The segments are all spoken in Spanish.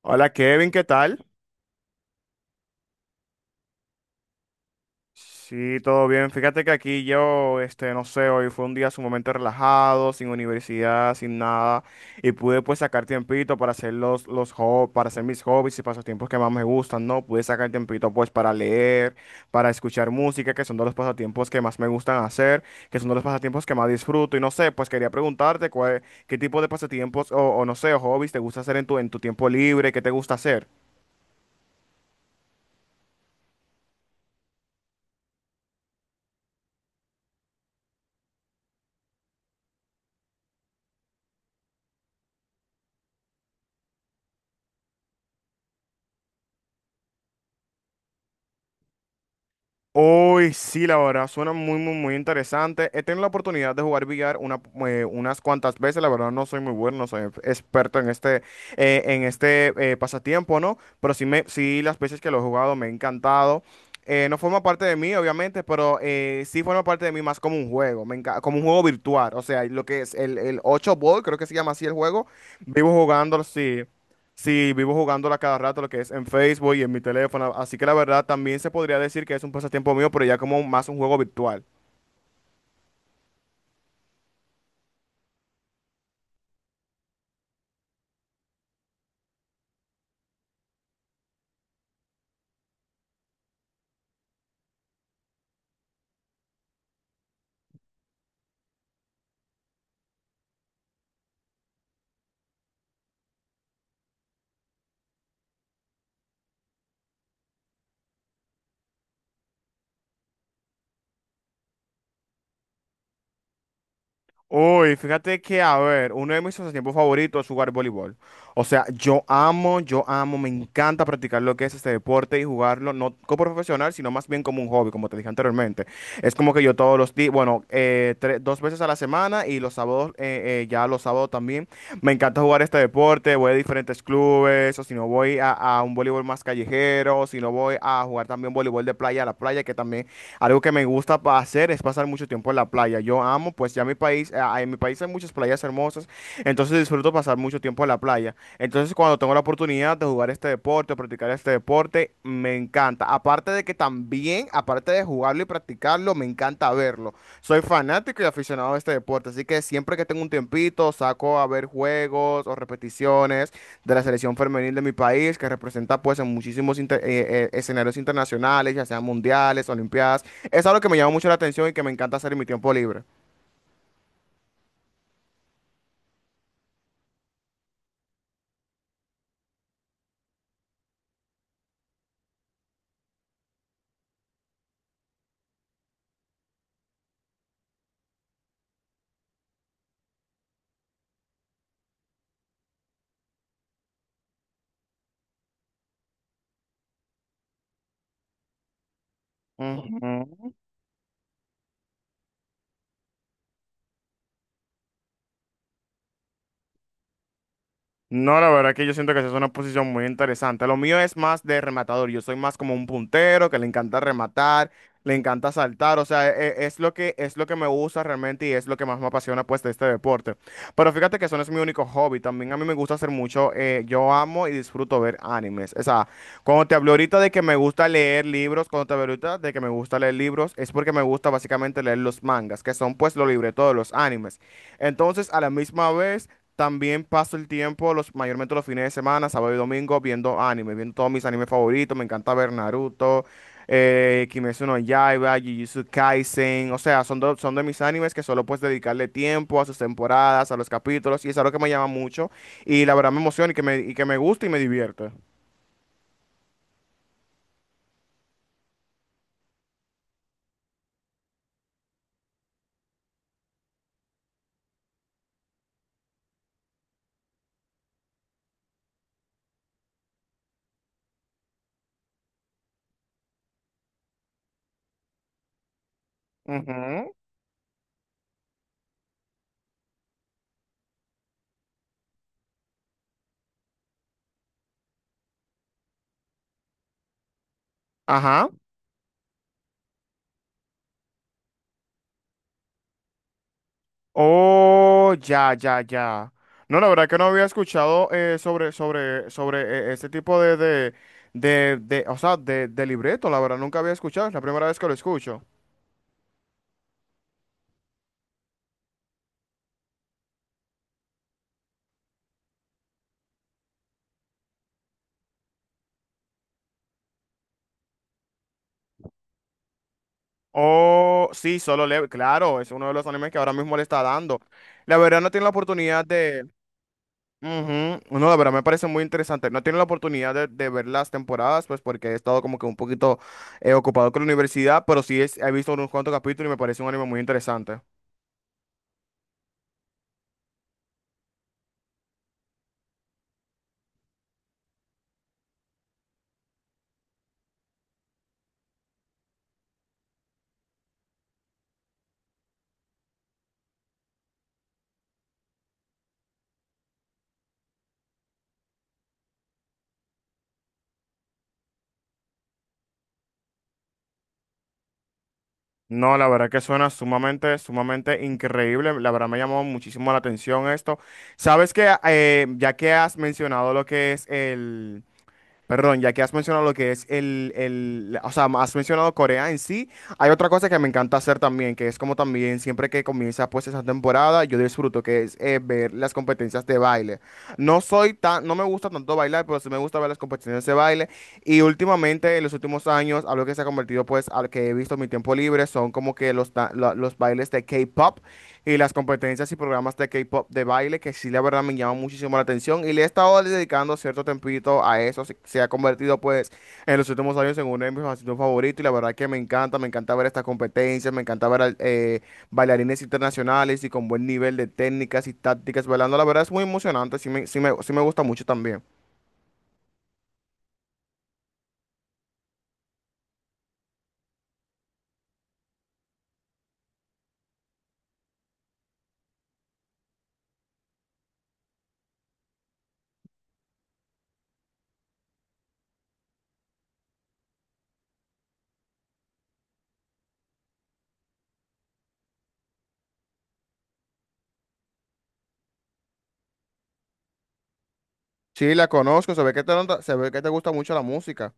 Hola Kevin, ¿qué tal? Sí, todo bien. Fíjate que aquí yo, no sé, hoy fue un día sumamente relajado, sin universidad, sin nada, y pude pues sacar tiempito para hacer los hobbies, para hacer mis hobbies y pasatiempos que más me gustan, ¿no? Pude sacar tiempito pues para leer, para escuchar música, que son de los pasatiempos que más me gustan hacer, que son de los pasatiempos que más disfruto, y no sé, pues quería preguntarte cuál, qué tipo de pasatiempos o no sé, o hobbies te gusta hacer en tu tiempo libre, qué te gusta hacer. Uy, sí, la verdad, suena muy, muy, muy interesante. He tenido la oportunidad de jugar billar una, unas cuantas veces. La verdad, no soy muy bueno, no soy experto en este pasatiempo, ¿no? Pero sí, me, sí, las veces que lo he jugado me ha encantado. No forma parte de mí, obviamente, pero sí forma parte de mí más como un juego, como un juego virtual. O sea, lo que es el 8 Ball, creo que se llama así el juego. Vivo jugándolo, sí. Sí, vivo jugándola cada rato, lo que es en Facebook y en mi teléfono. Así que la verdad también se podría decir que es un pasatiempo mío, pero ya como más un juego virtual. Uy, fíjate que, a ver, uno de mis pasatiempos favoritos es jugar voleibol. O sea, yo amo, me encanta practicar lo que es este deporte y jugarlo, no como profesional, sino más bien como un hobby, como te dije anteriormente. Es como que yo todos los días, bueno, dos veces a la semana y los sábados, ya los sábados también. Me encanta jugar este deporte, voy a diferentes clubes, o si no voy a un voleibol más callejero, o si no voy a jugar también voleibol de playa a la playa, que también algo que me hacer es pasar mucho tiempo en la playa. Yo amo, pues ya mi país, ah, en mi país hay muchas playas hermosas, entonces disfruto pasar mucho tiempo en la playa. Entonces cuando tengo la oportunidad de jugar este deporte, o practicar este deporte, me encanta. Aparte de que también, aparte de jugarlo y practicarlo, me encanta verlo. Soy fanático y aficionado a este deporte, así que siempre que tengo un tiempito saco a ver juegos o repeticiones de la selección femenil de mi país, que representa pues en muchísimos escenarios internacionales, ya sean mundiales, olimpiadas. Es algo que me llama mucho la atención y que me encanta hacer en mi tiempo libre. Ujú. No, la verdad que yo siento que esa es una posición muy interesante. Lo mío es más de rematador. Yo soy más como un puntero que le encanta rematar, le encanta saltar. O sea, lo que, es lo que me gusta realmente y es lo que más me apasiona pues de este deporte. Pero fíjate que eso no es mi único hobby. También a mí me gusta hacer mucho. Yo amo y disfruto ver animes. O sea, cuando te hablo ahorita de que me gusta leer libros, cuando te hablo ahorita de que me gusta leer libros, es porque me gusta básicamente leer los mangas, que son pues los libretos de los animes. Entonces, a la misma vez... También paso el tiempo, los, mayormente los fines de semana, sábado y domingo, viendo anime, viendo todos mis animes favoritos. Me encanta ver Naruto, Kimetsu no Yaiba, Jujutsu Kaisen. O sea, son de mis animes que solo puedes dedicarle tiempo a sus temporadas, a los capítulos, y es algo que me llama mucho. Y la verdad me emociona y que me gusta y me divierte. Ujú. Ajá. Oh, ya, ya, ya. No, la verdad que no había escuchado sobre este tipo de, o sea, de libreto, la verdad, nunca había escuchado, es la primera vez que lo escucho. Oh, sí, Solo Level, claro, es uno de los animes que ahora mismo le está dando. La verdad no tiene la oportunidad de, ujú. No, la verdad me parece muy interesante. No he tenido la oportunidad de ver las temporadas, pues porque he estado como que un poquito ocupado con la universidad, pero he visto unos cuantos capítulos y me parece un anime muy interesante. No, la verdad que suena sumamente, sumamente increíble. La verdad me llamó muchísimo la atención esto. Sabes que, ya que has mencionado lo que es el, perdón, ya que has mencionado lo que es el, o sea, has mencionado Corea en sí, hay otra cosa que me encanta hacer también, que es como también siempre que comienza pues esa temporada, yo disfruto, que es ver las competencias de baile. No soy tan, no me gusta tanto bailar, pero sí me gusta ver las competencias de baile. Y últimamente, en los últimos años, algo que se ha convertido pues al que he visto en mi tiempo libre son como que los bailes de K-pop y las competencias y programas de K-pop de baile, que sí, la verdad me llama muchísimo la atención y le he estado dedicando cierto tempito a eso. Se ha convertido, pues, en los últimos años en uno de mis pasatiempos favoritos y la verdad que me encanta ver estas competencias, me encanta ver bailarines internacionales y con buen nivel de técnicas y tácticas bailando. La verdad es muy emocionante, sí me, sí me, sí me gusta mucho también. Sí, la conozco, se ve que te, se ve que te gusta mucho la música.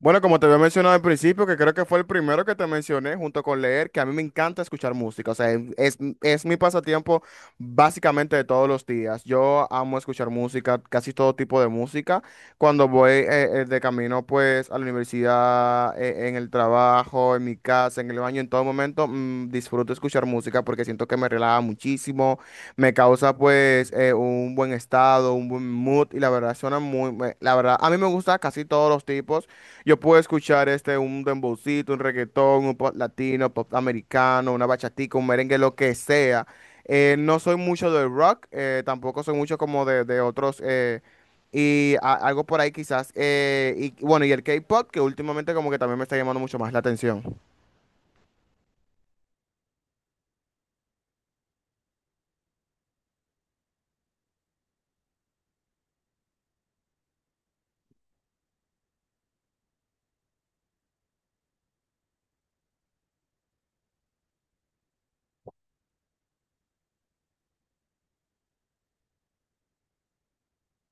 Bueno, como te había mencionado al principio, que creo que fue el primero que te mencioné, junto con leer, que a mí me encanta escuchar música. O sea, es mi pasatiempo básicamente de todos los días. Yo amo escuchar música, casi todo tipo de música. Cuando voy de camino, pues, a la universidad, en el trabajo, en mi casa, en el baño, en todo momento, disfruto escuchar música porque siento que me relaja muchísimo, me causa, pues, un buen estado, un buen mood y la verdad suena la verdad, a mí me gusta casi todos los tipos. Yo puedo escuchar este, un dembowcito, un reggaetón, un pop latino, pop americano, una bachatica, un merengue, lo que sea. No soy mucho del rock, tampoco soy mucho como de otros, y algo por ahí quizás. Y bueno, y el K-pop, que últimamente como que también me está llamando mucho más la atención.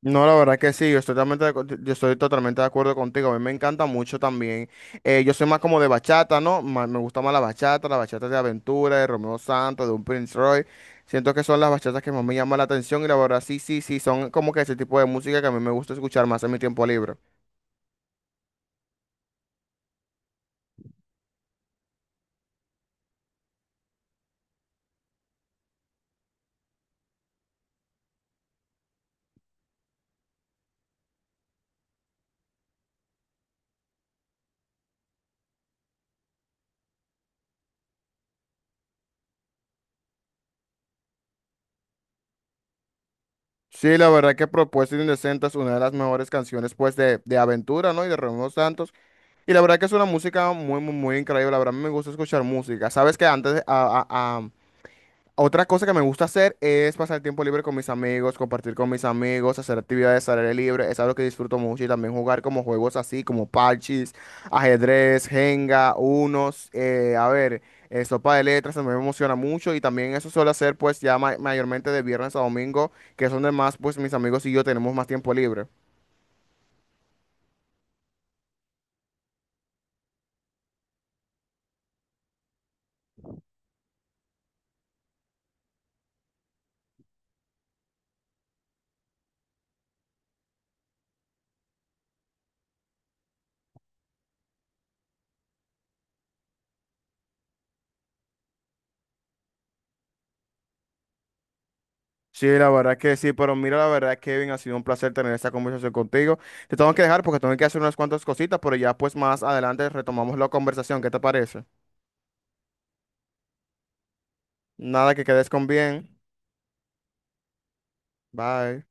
No, la verdad que sí, yo estoy totalmente yo estoy totalmente de acuerdo contigo. A mí me encanta mucho también. Yo soy más como de bachata, ¿no? Me gusta más la bachata de Aventura, de Romeo Santos, de un Prince Roy. Siento que son las bachatas que más me llaman la atención y la verdad sí, sí, sí, son como que ese tipo de música que a mí me gusta escuchar más en mi tiempo libre. Sí, la verdad que Propuesta Indecente es una de las mejores canciones pues de Aventura, ¿no? Y de Romeo Santos. Y la verdad que es una música muy, muy, muy increíble. La verdad, a mí me gusta escuchar música. ¿Sabes que antes, a- a- otra cosa que me gusta hacer es pasar tiempo libre con mis amigos, compartir con mis amigos, hacer actividades al aire libre? Es algo que disfruto mucho y también jugar como juegos así, como parches, ajedrez, Jenga, unos, a ver, sopa de letras, también me emociona mucho y también eso suelo hacer pues ya mayormente de viernes a domingo, que son donde más pues mis amigos y yo tenemos más tiempo libre. Sí, la verdad que sí, pero mira, la verdad, Kevin, ha sido un placer tener esta conversación contigo. Te tengo que dejar porque tengo que hacer unas cuantas cositas, pero ya pues más adelante retomamos la conversación. ¿Qué te parece? Nada que quedes con bien. Bye.